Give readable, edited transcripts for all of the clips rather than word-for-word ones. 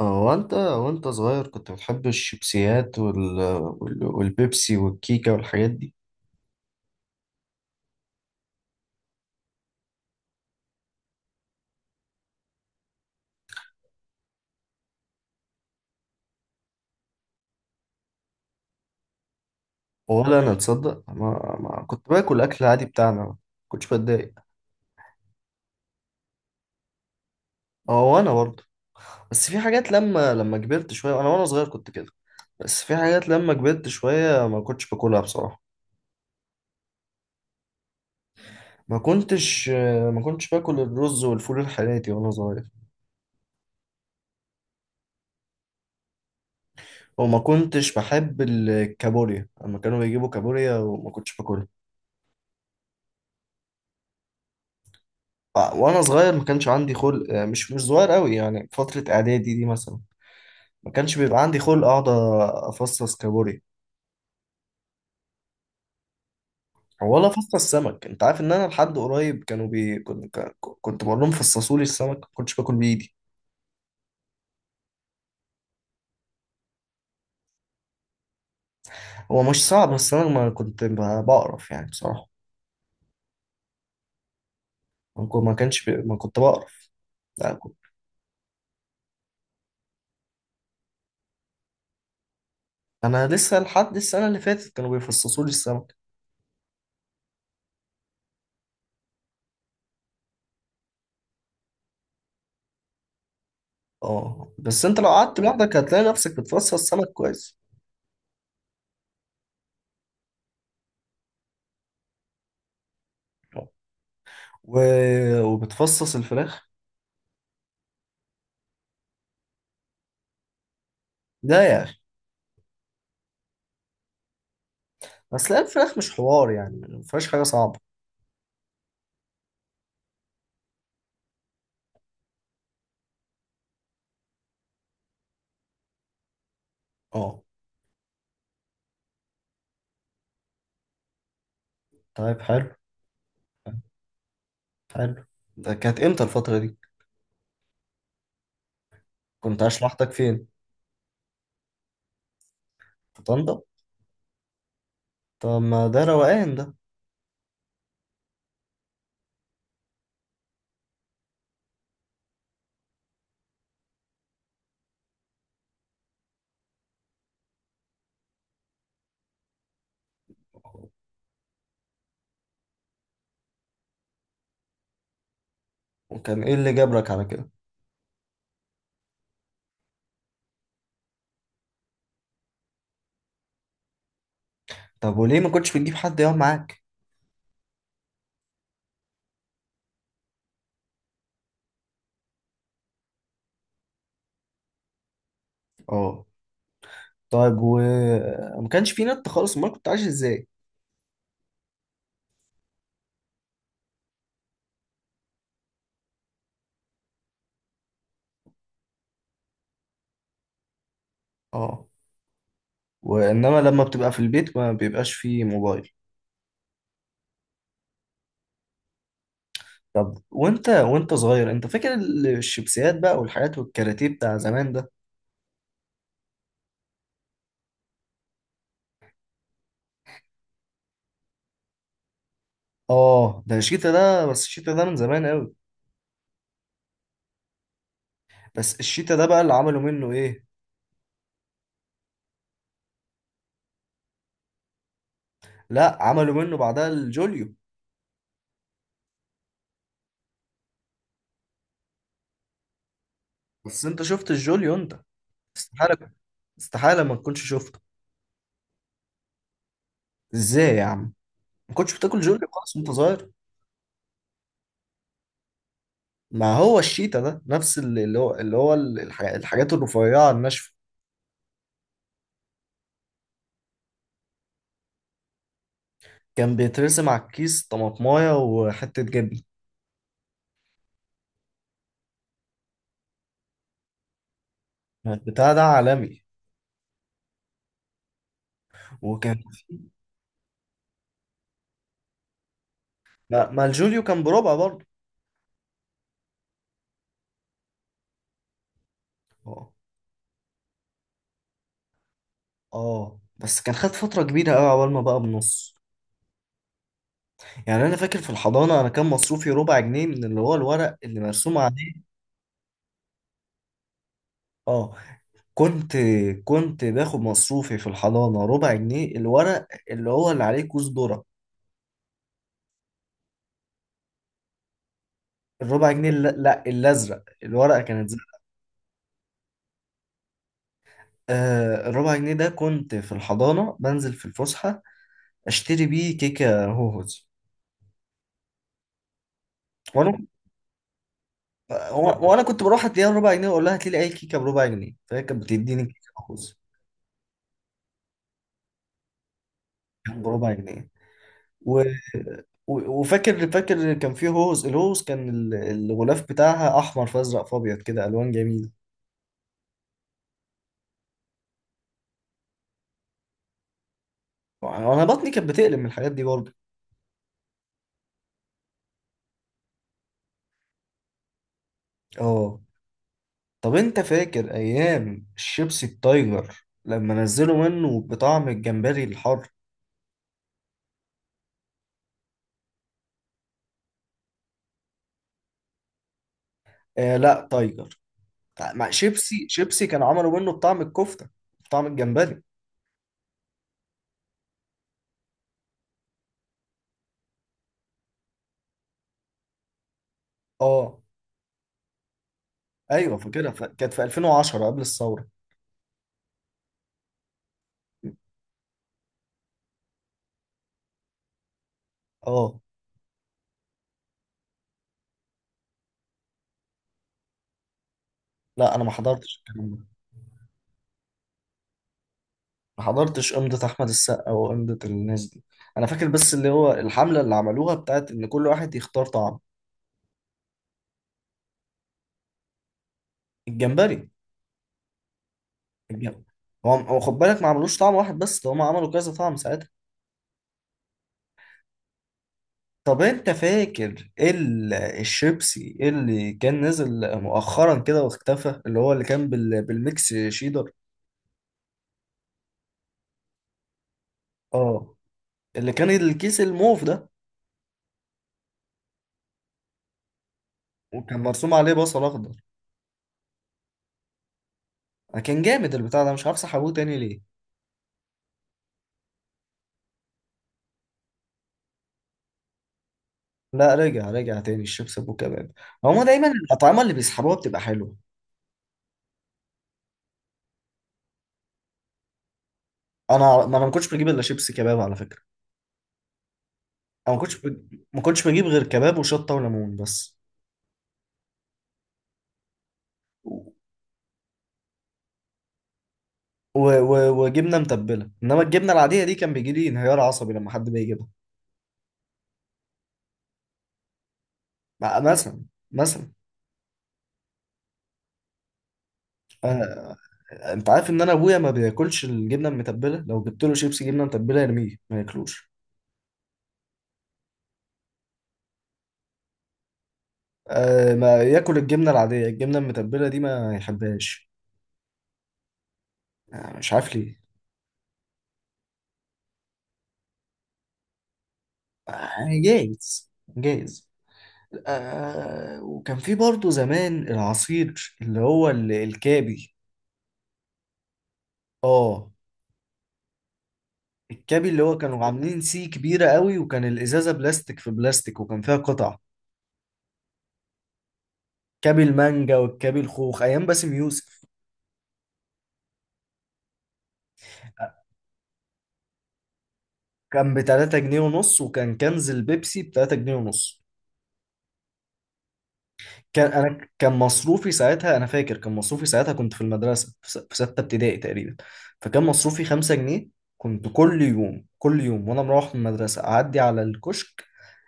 اه، وانت صغير كنت بتحب الشيبسيات والبيبسي والكيكة والحاجات دي. ولا انا تصدق، ما كنت باكل اكل عادي بتاعنا، ما كنتش بتضايق. اه، وانا برضه. بس في حاجات لما كبرت شوية، انا وانا صغير كنت كده. بس في حاجات لما كبرت شوية ما كنتش باكلها بصراحة. ما كنتش ما كنتش باكل الرز والفول الحراتي وانا صغير، وما كنتش بحب الكابوريا، لما كانوا بيجيبوا كابوريا وما كنتش باكلها. آه، وانا صغير ما كانش عندي خلق، مش صغير قوي يعني، فتره اعدادي دي مثلا ما كانش بيبقى عندي خلق اقعد افصص كابوريا ولا افصص سمك. انت عارف ان انا لحد قريب كانوا بي كنت ك- كنت بقول لهم فصصوا لي السمك، ما كنتش باكل بايدي. هو مش صعب، بس انا ما كنت ب- بقرف يعني بصراحه. ما كنت- ما كانش بي... ما كنت بقرف، لا كنت. انا لسه لحد السنه اللي فاتت كانوا بيفصصوا لي السمك. اه، بس انت لو قعدت لوحدك هتلاقي نفسك بتفصص سمك كويس. و... وبتفصص الفراخ؟ لا يا أخي. بس لا، الفراخ مش حوار يعني، ما فيهاش حاجة صعبة. اه. طيب، حلو. حلو. ده كانت امتى الفترة دي؟ كنت عايش لوحدك فين؟ في طنطا؟ طب ما ده روقان ده. وكان ايه اللي جبرك على كده؟ طب وليه ما كنتش بتجيب حد يقعد معاك؟ اه، طيب. ما كانش في نت خالص، امال كنت عايش ازاي؟ اه، وانما لما بتبقى في البيت ما بيبقاش فيه موبايل. طب وانت صغير، انت فاكر الشيبسيات بقى والحاجات والكاراتيه بتاع زمان ده؟ اه ده الشيتا، ده بس الشيتا ده من زمان قوي. بس الشيتا ده بقى اللي عملوا منه ايه. لا، عملوا منه بعدها الجوليو. بس انت شفت الجوليو انت؟ استحالة، استحالة ما تكونش شفته. ازاي يا عم، ما كنتش بتاكل جوليو خالص وانت صغير؟ ما هو الشيتا ده نفس الحاجات الرفيعة الناشفة. كان بيترسم على الكيس طماطمايه وحتة جبنة. البتاع ده عالمي. وكان ما الجوليو كان بربع برضه. اه، اه، بس كان خد فترة كبيرة قوي عقبال ما بقى بنص. يعني انا فاكر في الحضانه، انا كان مصروفي ربع جنيه من اللي هو الورق اللي مرسوم عليه. اه، كنت كنت باخد مصروفي في الحضانه ربع جنيه، الورق اللي هو اللي عليه كوز ذره. الربع جنيه، لا، لا، الازرق، الورقه كانت زرق. آه، الربع جنيه ده كنت في الحضانه بنزل في الفسحه اشتري بيه كيكه هوهوز. وانا وانا كنت بروح اديها ربع جنيه واقول لها هات لي اي كيكه بربع جنيه، فهي كانت بتديني كيكه هوهوز بربع جنيه. و... وفاكر كان فيه هوز، الهوز كان الغلاف بتاعها احمر فازرق فابيض كده، الوان جميله. وانا بطني كانت بتقلب من الحاجات دي برضه. اه، طب انت فاكر ايام الشيبسي التايجر لما نزلوا منه بطعم الجمبري الحر؟ آه لا، تايجر مع شيبسي كانوا عملوا منه بطعم الكفته، بطعم الجمبري. اه، ايوه فاكرها، كانت في 2010 قبل الثوره. اه، لا، انا ما حضرتش الكلام ده، ما حضرتش قمة أحمد السقا وقمة الناس دي. أنا فاكر بس اللي هو الحملة اللي عملوها بتاعت إن كل واحد يختار طعم. الجمبري. الجمبري هو خد بالك ما عملوش طعم واحد بس، ده هم عملوا كذا طعم ساعتها. طب أنت فاكر الشيبسي اللي كان نزل مؤخرا كده واختفى، اللي هو اللي كان بالميكس شيدر؟ اه، اللي كان الكيس الموف ده، وكان مرسوم عليه بصل أخضر. أنا كان جامد البتاع ده، مش عارف سحبوه تاني ليه. لا، رجع رجع تاني الشيبس ابو كباب. هما دايما الاطعمه اللي بيسحبوها بتبقى حلوه. انا ما كنتش بجيب الا شيبس كباب على فكره. انا ما كنتش بج... ما كنتش بجيب غير كباب وشطه وليمون بس. و... وجبنه متبله، انما الجبنه العاديه دي كان بيجي لي انهيار عصبي لما حد بيجيبها. مع- مثلا مثلا أنا... انت عارف ان انا ابويا ما بياكلش الجبنه المتبله، لو جبت له شيبس جبنه متبله يرميه ما ياكلوش. أه، ما ياكل الجبنه العاديه، الجبنه المتبله دي ما يحبهاش. آه، مش عارف ليه. يعني جايز، جايز. آه، وكان في برضه زمان العصير اللي هو الكابي. اه، الكابي اللي هو كانوا عاملين سي كبيرة قوي، وكان الإزازة بلاستيك في بلاستيك وكان فيها قطع. كابي المانجا والكابي الخوخ أيام باسم يوسف. آه، كان بتلاتة جنيه ونص، وكان كنز البيبسي بتلاتة جنيه ونص. كان مصروفي ساعتها، انا فاكر، كان مصروفي ساعتها كنت في المدرسه في سته ابتدائي تقريبا، فكان مصروفي 5 جنيه. كنت كل يوم، كل يوم وانا مروح من المدرسه اعدي على الكشك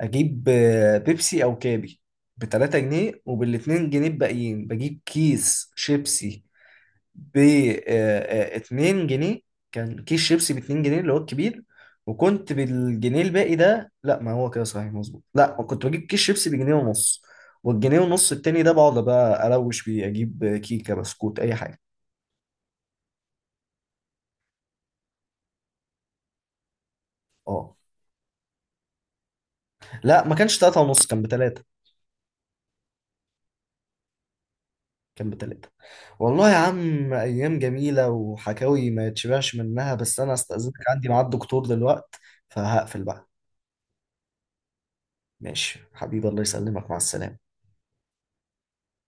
اجيب بيبسي او كابي ب 3 جنيه، وبال 2 جنيه الباقيين بجيب كيس شيبسي ب 2 جنيه. كان كيس شيبسي ب 2 جنيه اللي هو الكبير. وكنت بالجنيه الباقي ده، لا ما هو كده صحيح مظبوط، لا كنت بجيب كيس شيبسي بجنيه ونص، والجنيه ونص التاني ده بقعد بقى اروش بيه اجيب كيكه بسكوت اي حاجه. اه، لا ما كانش 3 ونص، كان بتلاتة، كان بتلاتة. والله يا عم ايام جميله وحكاوي ما يتشبعش منها، بس انا استاذنك عندي ميعاد دكتور دلوقت فهقفل بقى. ماشي حبيبي، الله يسلمك، مع السلامه.